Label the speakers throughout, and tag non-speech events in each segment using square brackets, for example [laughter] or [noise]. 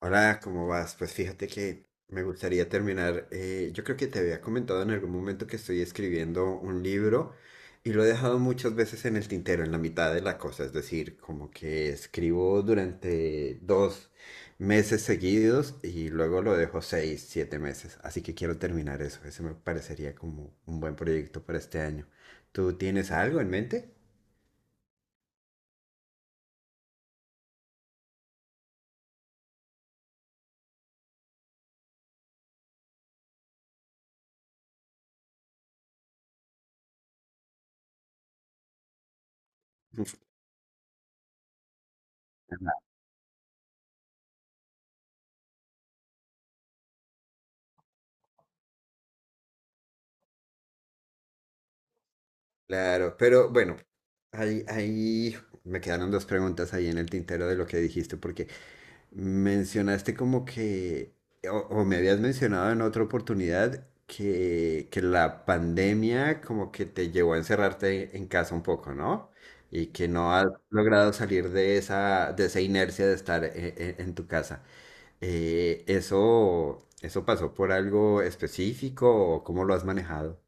Speaker 1: Hola, ¿cómo vas? Pues fíjate que me gustaría terminar, yo creo que te había comentado en algún momento que estoy escribiendo un libro y lo he dejado muchas veces en el tintero, en la mitad de la cosa. Es decir, como que escribo durante 2 meses seguidos y luego lo dejo seis, siete meses. Así que quiero terminar eso. Ese me parecería como un buen proyecto para este año. ¿Tú tienes algo en mente? Claro, pero bueno, ahí me quedaron dos preguntas ahí en el tintero de lo que dijiste, porque mencionaste como que, o me habías mencionado en otra oportunidad, que la pandemia como que te llevó a encerrarte en casa un poco, ¿no? Y que no has logrado salir de esa inercia de estar en tu casa. ¿Eso, pasó por algo específico o cómo lo has manejado?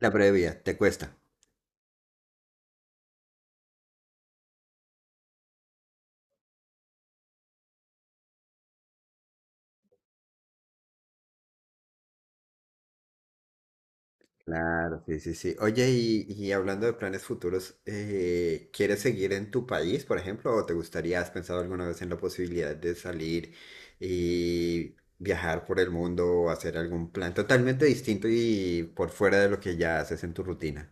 Speaker 1: La previa, ¿te cuesta? Claro, sí, sí, sí. Oye, y hablando de planes futuros, ¿quieres seguir en tu país, por ejemplo, o te gustaría, has pensado alguna vez en la posibilidad de salir y viajar por el mundo o hacer algún plan totalmente distinto y por fuera de lo que ya haces en tu rutina?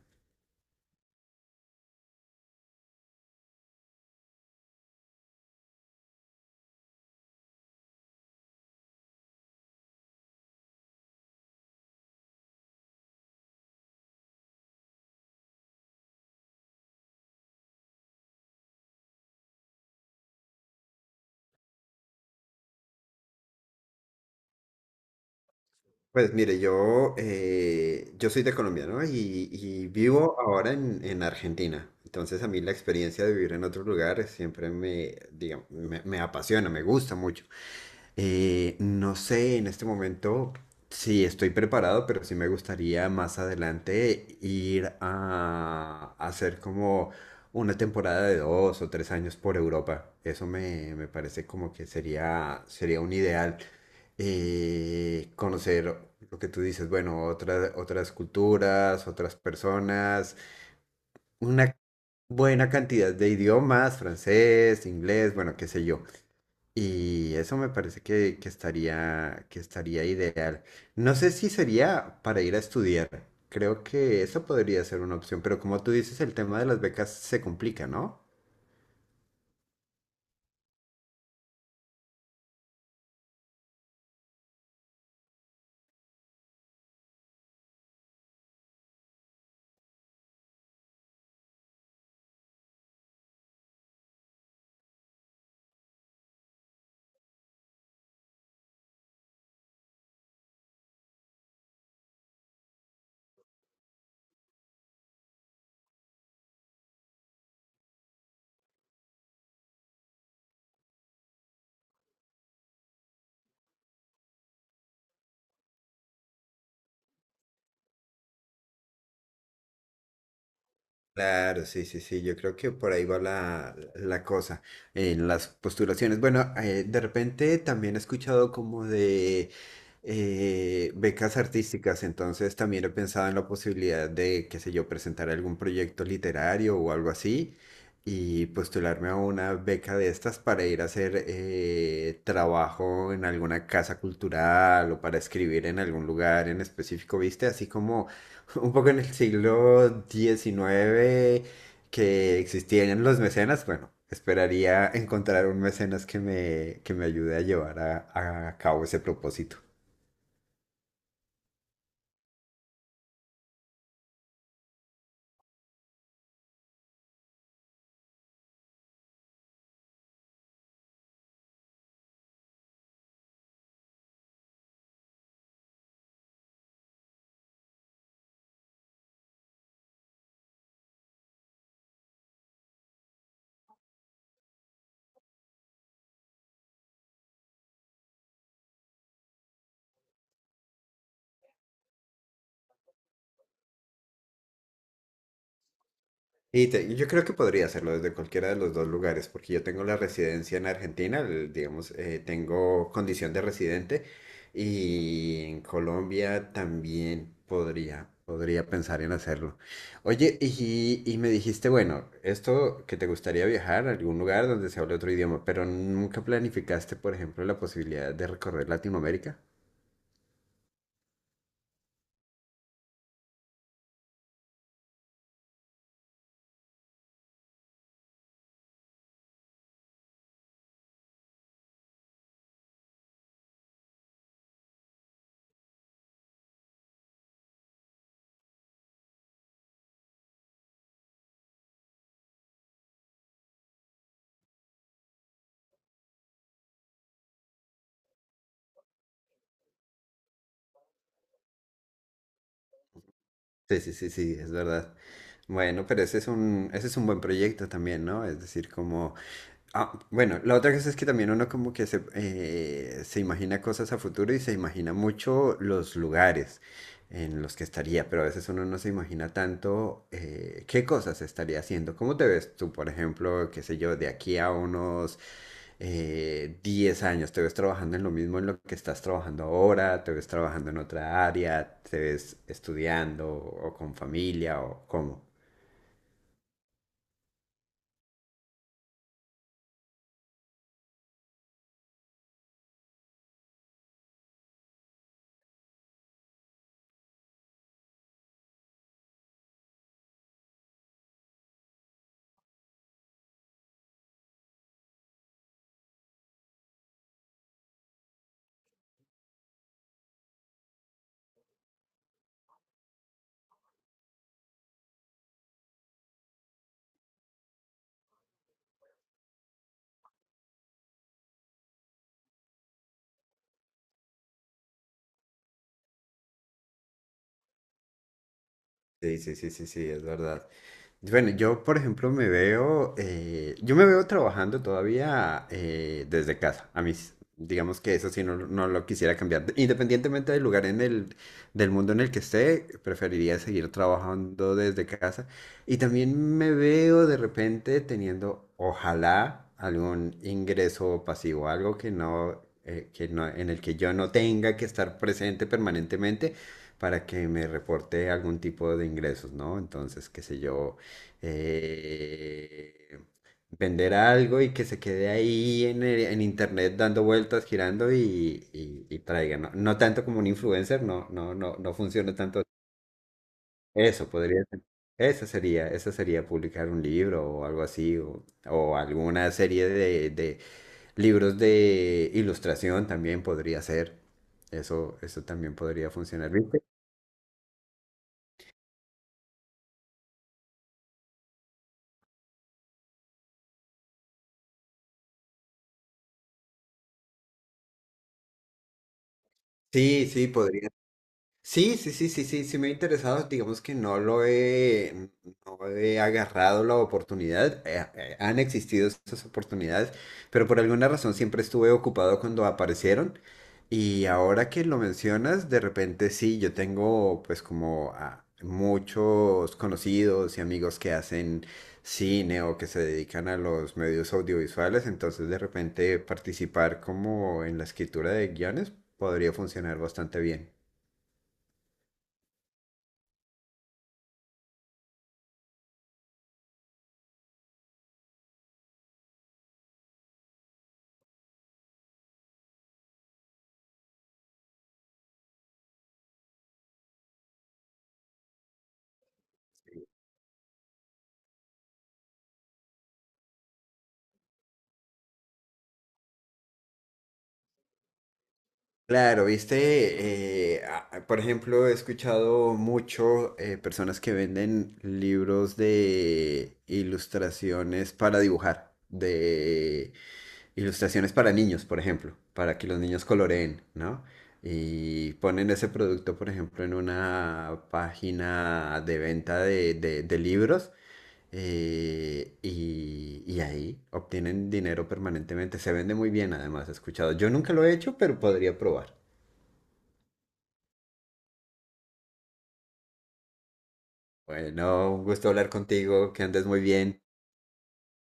Speaker 1: Pues mire, yo soy de Colombia, ¿no? Y vivo ahora en Argentina. Entonces a mí la experiencia de vivir en otro lugar siempre me, digamos, me apasiona, me gusta mucho. No sé en este momento si estoy preparado, pero sí me gustaría más adelante ir a hacer como una temporada de 2 o 3 años por Europa. Eso me, me parece como que sería un ideal y conocer lo que tú dices, bueno, otras, otras culturas, otras personas, una buena cantidad de idiomas, francés, inglés, bueno, qué sé yo. Y eso me parece que, que estaría ideal. No sé si sería para ir a estudiar. Creo que eso podría ser una opción, pero como tú dices, el tema de las becas se complica, ¿no? Claro, sí, sí, sí, yo creo que por ahí va la cosa, en las postulaciones. Bueno, de repente también he escuchado como de becas artísticas, entonces también he pensado en la posibilidad de, qué sé yo, presentar algún proyecto literario o algo así y postularme a una beca de estas para ir a hacer trabajo en alguna casa cultural o para escribir en algún lugar en específico, ¿viste? Así como [laughs] un poco en el siglo XIX que existían los mecenas, bueno, esperaría encontrar un mecenas que que me ayude a llevar a cabo ese propósito. Y yo creo que podría hacerlo desde cualquiera de los dos lugares, porque yo tengo la residencia en Argentina, digamos, tengo condición de residente y en Colombia también podría pensar en hacerlo. Oye, y me dijiste, bueno, esto que te gustaría viajar a algún lugar donde se hable otro idioma, pero nunca planificaste, por ejemplo, la posibilidad de recorrer Latinoamérica. Sí, sí, sí, sí, es verdad. Bueno, pero ese es un buen proyecto también, ¿no? Es decir, como... Ah, bueno, la otra cosa es que también uno como que se imagina cosas a futuro y se imagina mucho los lugares en los que estaría, pero a veces uno no se imagina tanto qué cosas estaría haciendo. ¿Cómo te ves tú, por ejemplo, qué sé yo, de aquí a unos 10 años? ¿Te ves trabajando en lo mismo en lo que estás trabajando ahora? ¿Te ves trabajando en otra área? ¿Te ves estudiando o con familia o cómo? Sí, sí, sí, sí, sí, es verdad. Bueno, yo, por ejemplo, me veo, yo me veo trabajando todavía desde casa. A mis digamos que eso sí no, no lo quisiera cambiar. Independientemente del lugar en el, del mundo en el que esté, preferiría seguir trabajando desde casa. Y también me veo de repente teniendo, ojalá, algún ingreso pasivo, algo que no, en el que yo no tenga que estar presente permanentemente para que me reporte algún tipo de ingresos, ¿no? Entonces, qué sé yo, eh, vender algo y que se quede ahí en, en internet dando vueltas, girando y traiga, ¿no? No tanto como un influencer, no, no, no, no funciona tanto. Eso podría ser. Esa sería publicar un libro o algo así, o alguna serie de, libros de ilustración también podría ser. Eso también podría funcionar, ¿viste? Sí, sí, podría. Sí, sí, sí, sí, sí, sí me ha interesado, digamos que no he agarrado la oportunidad, han existido esas oportunidades, pero por alguna razón siempre estuve ocupado cuando aparecieron y ahora que lo mencionas, de repente sí, yo tengo pues como a muchos conocidos y amigos que hacen cine o que se dedican a los medios audiovisuales, entonces de repente participar como en la escritura de guiones podría funcionar bastante bien. Claro, viste, por ejemplo, he escuchado mucho personas que venden libros de ilustraciones para dibujar, de ilustraciones para niños, por ejemplo, para que los niños coloreen, ¿no? Y ponen ese producto, por ejemplo, en una página de venta de, de libros y ahí obtienen dinero permanentemente. Se vende muy bien, además, he escuchado. Yo nunca lo he hecho, pero podría probar. Bueno, un gusto hablar contigo, que andes muy bien.